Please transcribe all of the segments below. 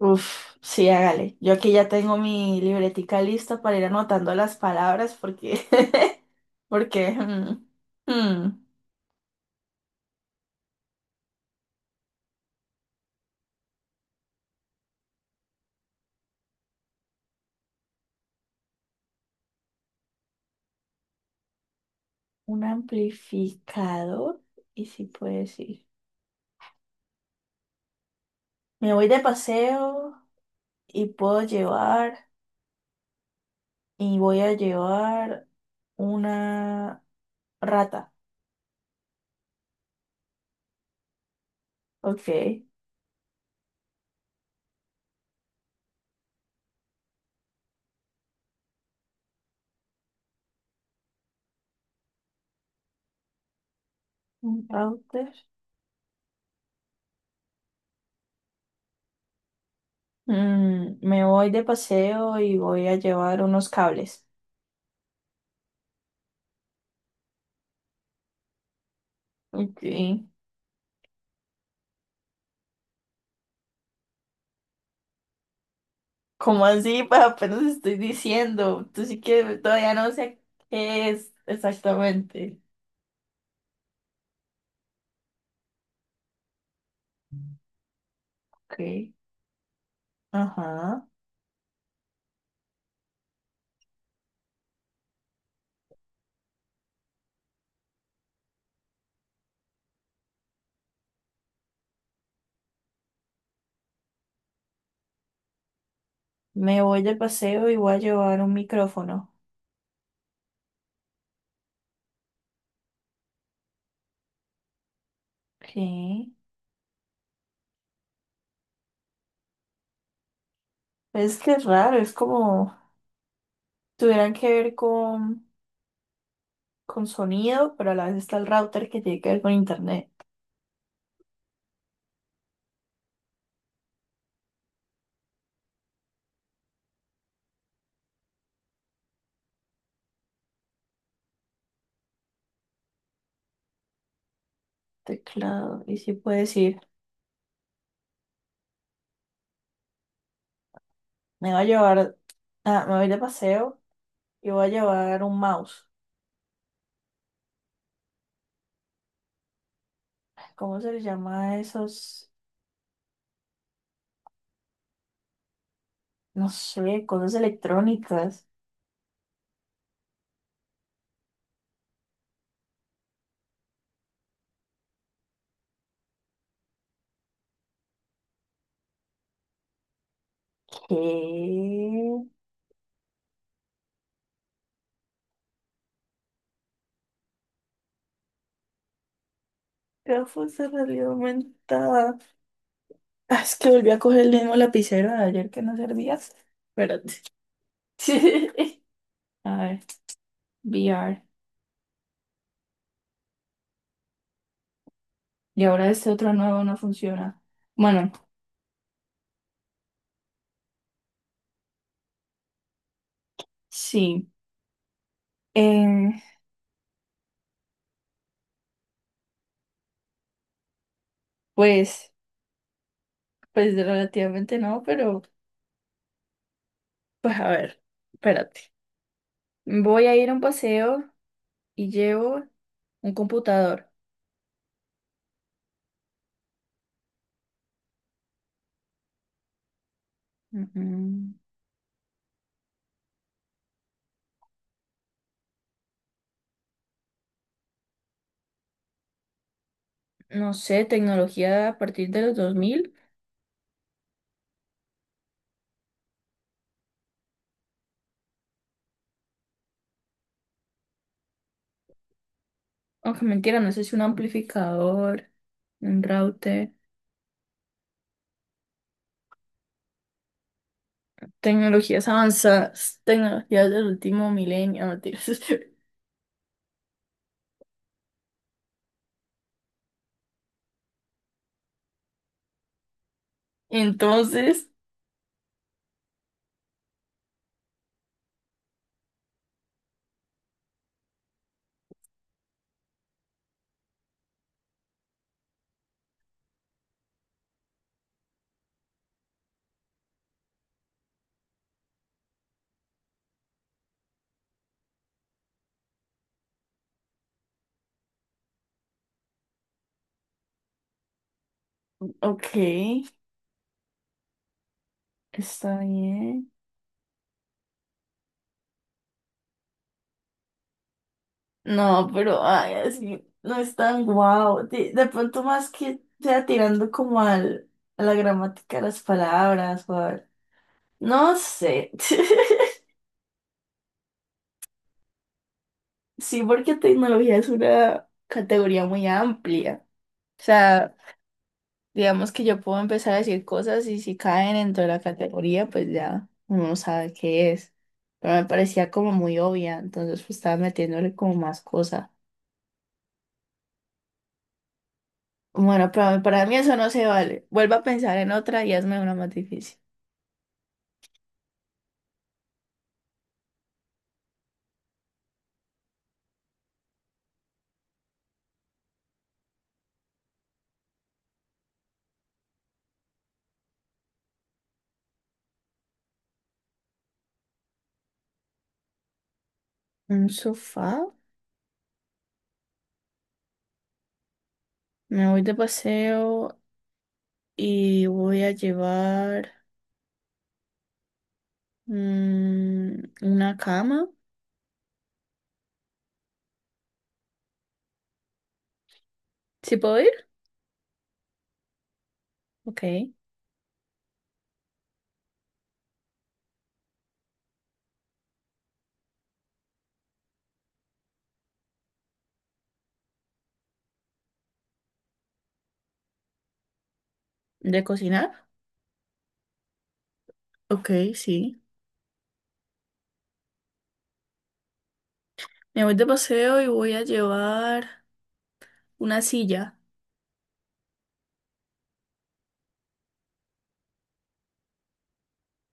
Uf, sí, hágale. Yo aquí ya tengo mi libretica lista para ir anotando las palabras porque, porque, mm, un amplificador y si puede decir. Me voy de paseo y puedo llevar y voy a llevar una rata. Ok, un router. Me voy de paseo y voy a llevar unos cables. Ok. ¿Cómo así? Pues apenas estoy diciendo. Tú sí que todavía no sé qué es exactamente. Ok. Ajá. Me voy de paseo y voy a llevar un micrófono. Ok. Es que es raro, es como tuvieran que ver con sonido, pero a la vez está el router que tiene que ver con internet. Teclado. Y sí puede decir, me voy a llevar, me voy de paseo y voy a llevar un mouse. ¿Cómo se les llama a esos? No sé, cosas electrónicas. ¿Qué? Gafas de realidad aumentada. Ah, es que volví a coger el mismo lapicero de ayer que no servía. Espérate. A ver, VR. Y ahora este otro nuevo no funciona. Bueno, sí. Eh, pues, pues relativamente no, pero pues a ver, espérate. Voy a ir a un paseo y llevo un computador. Ujú. No sé, tecnología a partir de los dos mil. Aunque mentira, no sé si un amplificador, un router, tecnologías avanzadas, tecnologías del último milenio, no mentiras. Entonces, ok, está bien. No, pero ay, así no es tan guau. De pronto más que sea tirando como a la gramática de las palabras o al- No sé. Sí, porque tecnología es una categoría muy amplia. O sea, digamos que yo puedo empezar a decir cosas y si caen dentro de la categoría, pues ya uno sabe qué es. Pero me parecía como muy obvia, entonces pues estaba metiéndole como más cosa. Bueno, pero para mí eso no se vale. Vuelvo a pensar en otra y hazme una más difícil. Un sofá. Me voy de paseo y voy a llevar, una cama. ¿Sí puedo ir? Ok. ¿De cocinar? Ok, sí. Me voy de paseo y voy a llevar una silla.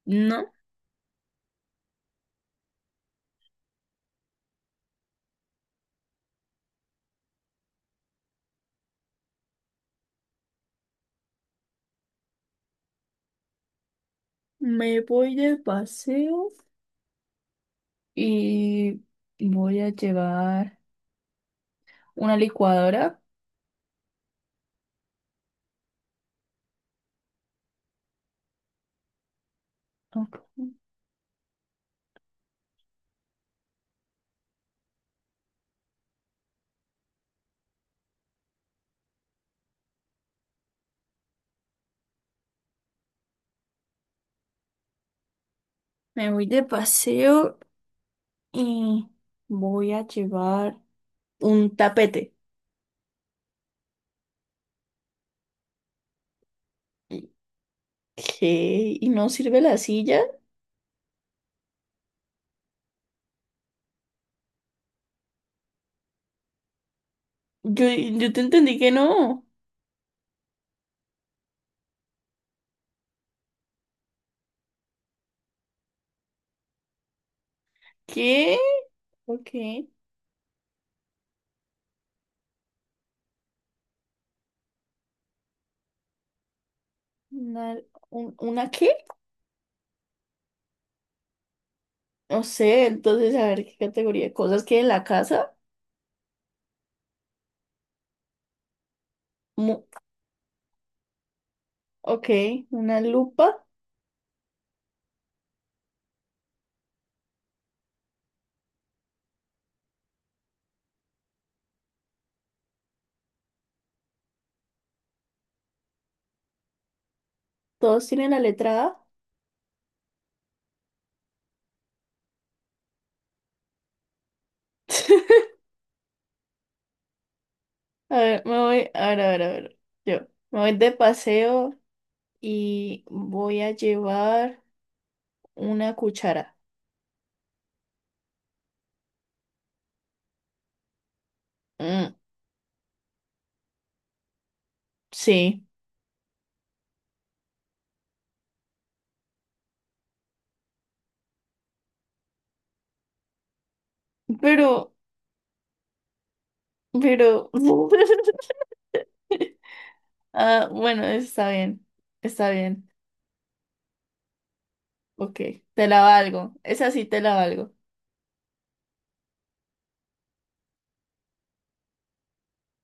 No, me voy de paseo y voy a llevar una licuadora. Ok. Me voy de paseo y voy a llevar un tapete. ¿Qué? ¿Y no sirve la silla? Yo te entendí que no. ¿Qué? Ok. ¿Una, un- una qué? No sé, entonces a ver qué categoría de cosas que en la casa. Mu- ok, una lupa. Todos tienen la letra A. A ver, me voy, a ver, a ver, a ver. Yo me voy de paseo y voy a llevar una cuchara. Mm, sí, pero, pero... Ah, bueno, está bien, está bien. Ok, te la valgo. Esa sí te la valgo.